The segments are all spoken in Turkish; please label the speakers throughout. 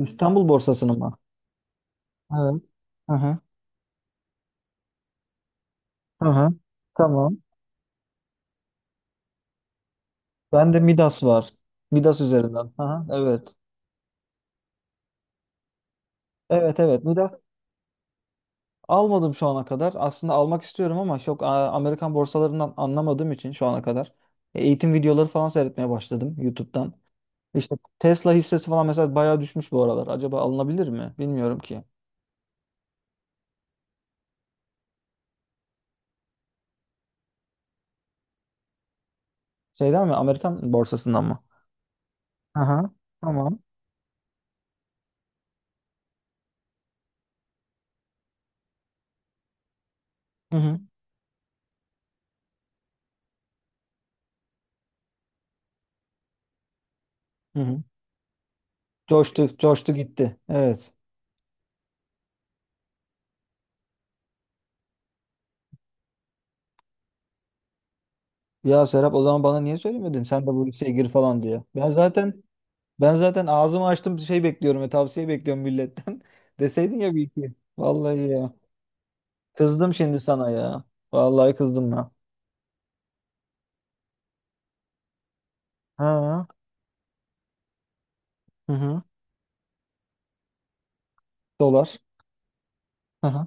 Speaker 1: İstanbul borsasını mı? Evet. Hı hı. Hı hı. Tamam. Ben de Midas var. Midas üzerinden. Hı hı. Evet. Evet, evet. Midas almadım şu ana kadar. Aslında almak istiyorum ama çok Amerikan borsalarından anlamadığım için şu ana kadar. Eğitim videoları falan seyretmeye başladım YouTube'dan. İşte Tesla hissesi falan mesela bayağı düşmüş bu aralar. Acaba alınabilir mi? Bilmiyorum ki. Şeyden mi? Amerikan borsasından mı? Aha, tamam. Hı hı. Hı hı. Coştu, coştu gitti. Evet. Ya Serap, o zaman bana niye söylemedin? Sen de bu liseye gir falan diye. Ben zaten ağzımı açtım, şey bekliyorum ve tavsiye bekliyorum milletten. Deseydin ya bir iki. Vallahi ya. Kızdım şimdi sana ya. Vallahi kızdım ya. Ha. Hı hı. Dolar. Hı hı.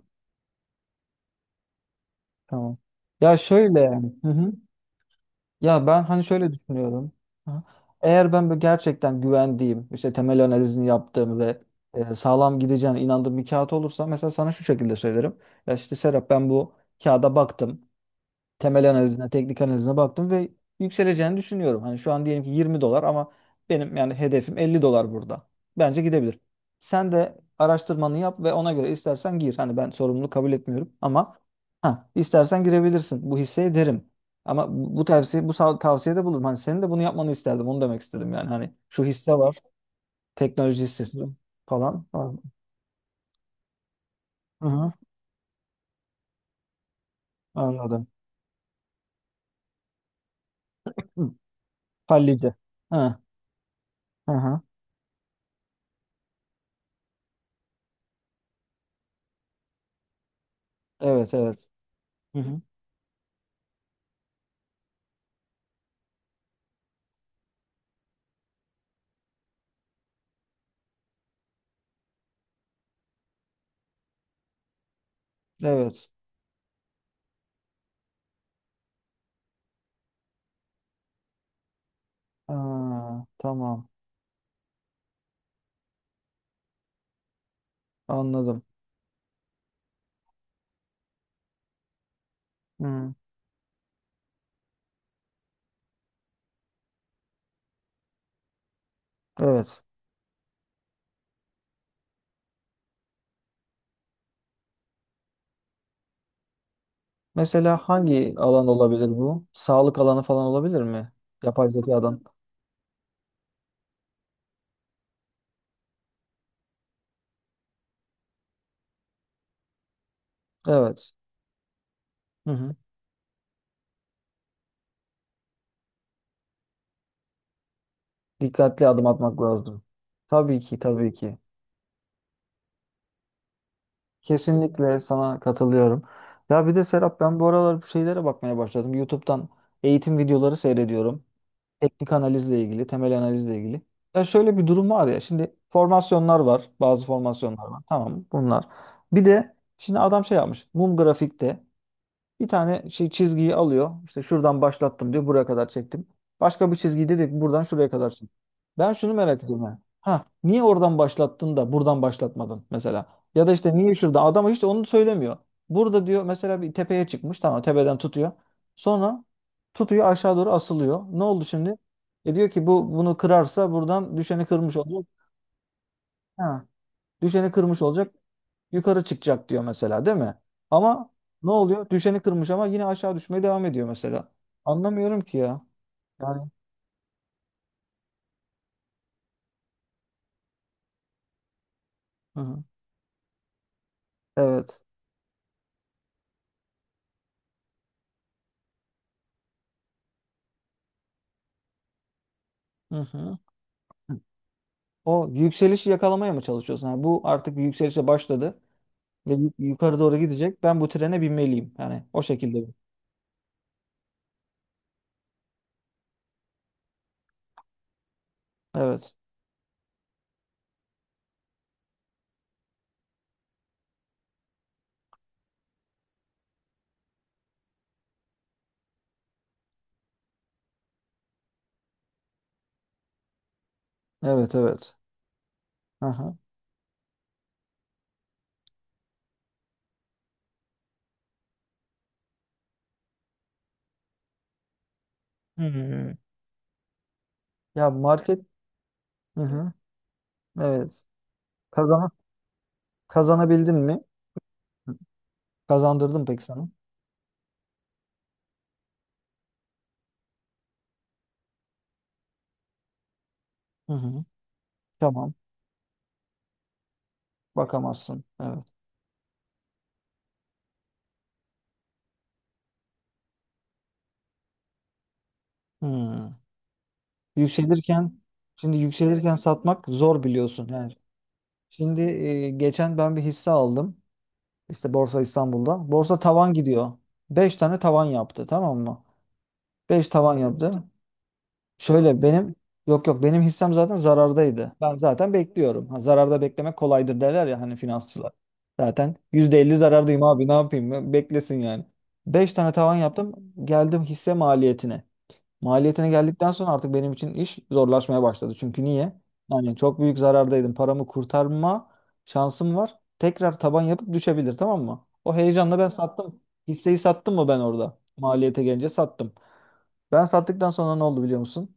Speaker 1: Tamam. Ya şöyle yani. Hı hı. Ya ben hani şöyle düşünüyorum. Hı. Eğer ben böyle gerçekten güvendiğim, işte temel analizini yaptığım ve sağlam gideceğine inandığım bir kağıt olursa mesela, sana şu şekilde söylerim. Ya işte Serap, ben bu kağıda baktım, temel analizine, teknik analizine baktım ve yükseleceğini düşünüyorum. Hani şu an diyelim ki 20 dolar ama benim yani hedefim 50 dolar burada. Bence gidebilir. Sen de araştırmanı yap ve ona göre istersen gir. Hani ben sorumluluğu kabul etmiyorum ama ha, istersen girebilirsin. Bu hisseye derim. Ama bu bu tavsiye bu sav- tavsiyede bulurum. Hani senin de bunu yapmanı isterdim. Onu demek istedim yani. Hani şu hisse var, teknoloji hissesi falan. Hı hı, anladım. Hı, hallice. Ha, hı hı. Evet, evet. Hı hı. Evet. Aa, tamam. Anladım. Hmm, evet. Mesela hangi alan olabilir bu? Sağlık alanı falan olabilir mi? Yapay zekadan. Evet. Hı hı. Dikkatli adım atmak lazım. Tabii ki, tabii ki. Kesinlikle sana katılıyorum. Ya bir de Serap, ben bu aralar bu şeylere bakmaya başladım. YouTube'dan eğitim videoları seyrediyorum. Teknik analizle ilgili, temel analizle ilgili. Ya şöyle bir durum var ya. Şimdi formasyonlar var. Bazı formasyonlar var. Tamam, bunlar. Bir de şimdi adam şey yapmış. Mum grafikte bir tane şey çizgiyi alıyor. İşte şuradan başlattım diyor. Buraya kadar çektim. Başka bir çizgi, dedik ki buradan şuraya kadar çektim. Ben şunu merak ediyorum. Ha, ha, niye oradan başlattın da buradan başlatmadın mesela? Ya da işte niye şurada? Adam hiç onu söylemiyor. Burada diyor mesela, bir tepeye çıkmış. Tamam, tepeden tutuyor. Sonra tutuyor, aşağı doğru asılıyor. Ne oldu şimdi? E diyor ki bu, bunu kırarsa buradan düşeni kırmış olacak. Ha, düşeni kırmış olacak, yukarı çıkacak diyor mesela, değil mi? Ama ne oluyor? Düşeni kırmış ama yine aşağı düşmeye devam ediyor mesela. Anlamıyorum ki ya. Yani hı hı. Evet. Hı hı. O yükselişi yakalamaya mı çalışıyorsun? Yani bu artık bir yükselişe başladı ve yukarı doğru gidecek. Ben bu trene binmeliyim. Yani o şekilde. Evet. Evet, evet. Hı hı. Hmm. Ya market, hı hı. Evet. Kazana kazanabildin mi? Kazandırdım peki sana. Hı hı. Tamam. Bakamazsın. Evet. Hı. Yükselirken, şimdi yükselirken satmak zor, biliyorsun yani. Şimdi geçen ben bir hisse aldım. İşte Borsa İstanbul'da. Borsa tavan gidiyor. 5 tane tavan yaptı, tamam mı? 5 tavan yaptı. Şöyle benim, yok yok, benim hissem zaten zarardaydı. Ben zaten bekliyorum. Ha, zararda beklemek kolaydır derler ya hani, finansçılar. Zaten %50 zarardayım abi, ne yapayım? Beklesin yani. 5 tane tavan yaptım. Geldim hisse maliyetine. Maliyetine geldikten sonra artık benim için iş zorlaşmaya başladı. Çünkü niye? Yani çok büyük zarardaydım. Paramı kurtarma şansım var. Tekrar taban yapıp düşebilir, tamam mı? O heyecanla ben sattım. Hisseyi sattım mı ben orada? Maliyete gelince sattım. Ben sattıktan sonra ne oldu biliyor musun?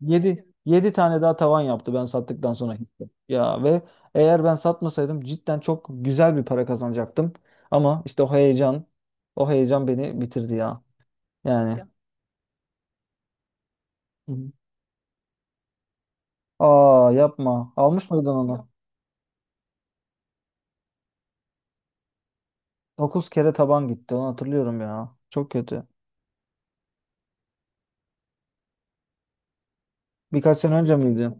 Speaker 1: 7 tane daha tavan yaptı ben sattıktan sonra hisse. Ya ve eğer ben satmasaydım, cidden çok güzel bir para kazanacaktım. Ama işte o heyecan, o heyecan beni bitirdi ya. Yani. Hı. Aa, yapma. Almış mıydın onu? 9 kere taban gitti. Onu hatırlıyorum ya. Çok kötü. Birkaç sene önce miydi?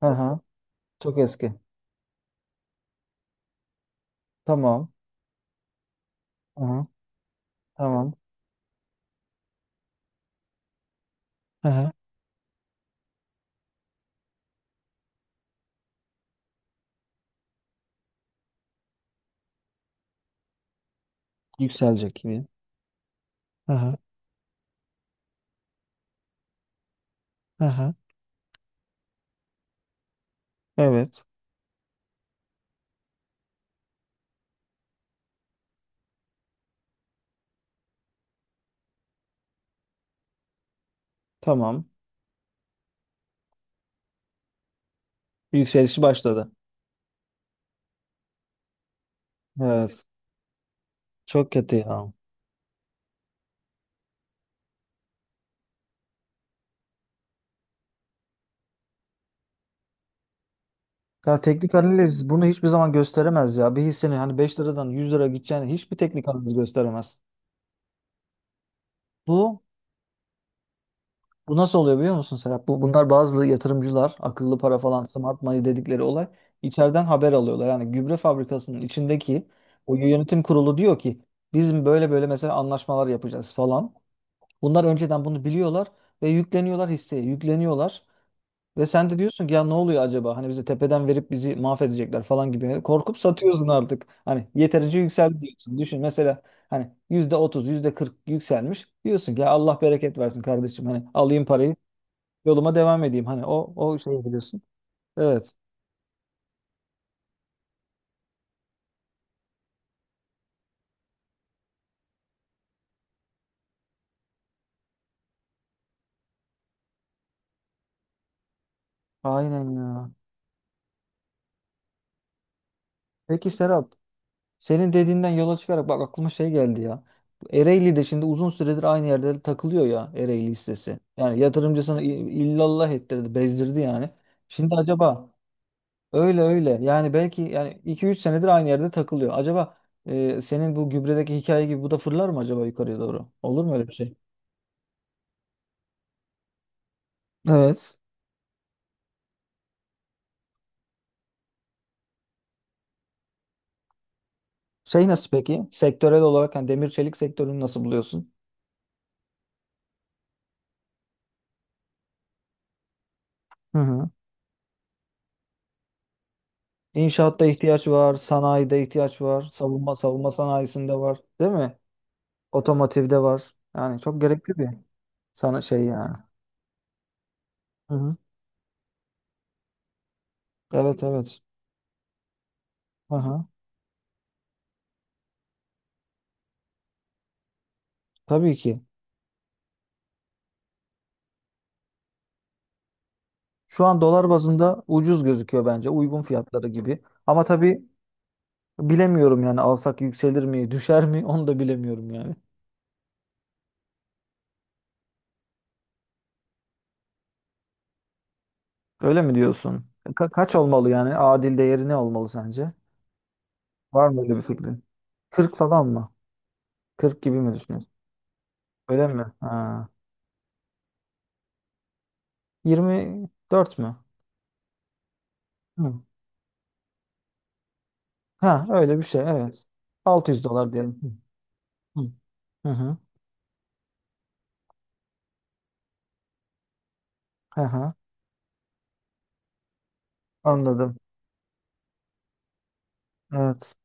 Speaker 1: Hı hı. Çok eski. Tamam. Hı hı. Tamam. Hı hı. Yükselecek gibi. Hı hı. Hı hı. Evet. Tamam. Yükselişi başladı. Evet. Çok kötü ya. Ya teknik analiz bunu hiçbir zaman gösteremez ya. Bir hisseni hani 5 liradan 100 lira gideceğini hiçbir teknik analiz gösteremez. Bu Bu nasıl oluyor biliyor musun Serap? Bunlar bazı yatırımcılar, akıllı para falan, smart money dedikleri olay, içeriden haber alıyorlar. Yani gübre fabrikasının içindeki o yönetim kurulu diyor ki bizim böyle böyle, mesela, anlaşmalar yapacağız falan. Bunlar önceden bunu biliyorlar ve yükleniyorlar hisseye, yükleniyorlar. Ve sen de diyorsun ki ya, ne oluyor acaba? Hani bize tepeden verip bizi mahvedecekler falan gibi. Hani korkup satıyorsun artık. Hani yeterince yükseldi diyorsun. Düşün mesela, hani %30 yüzde kırk yükselmiş. Diyorsun ki ya, Allah bereket versin kardeşim. Hani alayım parayı, yoluma devam edeyim. Hani o şeyi biliyorsun. Evet. Aynen ya. Peki Serap, senin dediğinden yola çıkarak bak, aklıma şey geldi ya. Bu Ereğli'de şimdi uzun süredir aynı yerde takılıyor ya, Ereğli hissesi. Yani yatırımcısını illallah ettirdi, bezdirdi yani. Şimdi acaba, öyle öyle yani belki, yani iki üç senedir aynı yerde takılıyor. Acaba senin bu gübredeki hikaye gibi bu da fırlar mı acaba yukarıya doğru? Olur mu öyle bir şey? Evet. Şey nasıl peki? Sektörel olarak hani demir çelik sektörünü nasıl buluyorsun? Hı hı. İnşaatta ihtiyaç var, sanayide ihtiyaç var, savunma sanayisinde var, değil mi? Otomotivde var. Yani çok gerekli bir, sana şey yani. Hı hı. Evet, evet. Aha. Tabii ki. Şu an dolar bazında ucuz gözüküyor bence. Uygun fiyatları gibi. Ama tabii bilemiyorum yani, alsak yükselir mi, düşer mi, onu da bilemiyorum yani. Öyle mi diyorsun? Kaç olmalı yani? Adil değeri ne olmalı sence? Var mı öyle bir fikrin? 40 falan mı? 40 gibi mi düşünüyorsun? Öyle mi? Ha. 24 mü? Hı. Ha, öyle bir şey, evet. 600 dolar diyelim. Hı. Hı hı. Hı hı. Anladım. Evet.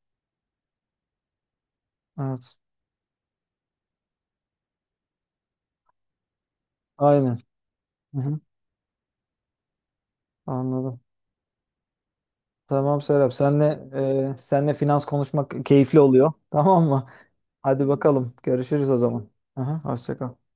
Speaker 1: Evet. Aynen. Hı hı. Anladım. Tamam Serap. Senle finans konuşmak keyifli oluyor. Tamam mı? Hadi bakalım. Görüşürüz o zaman. Hı hı. Hoşça kal.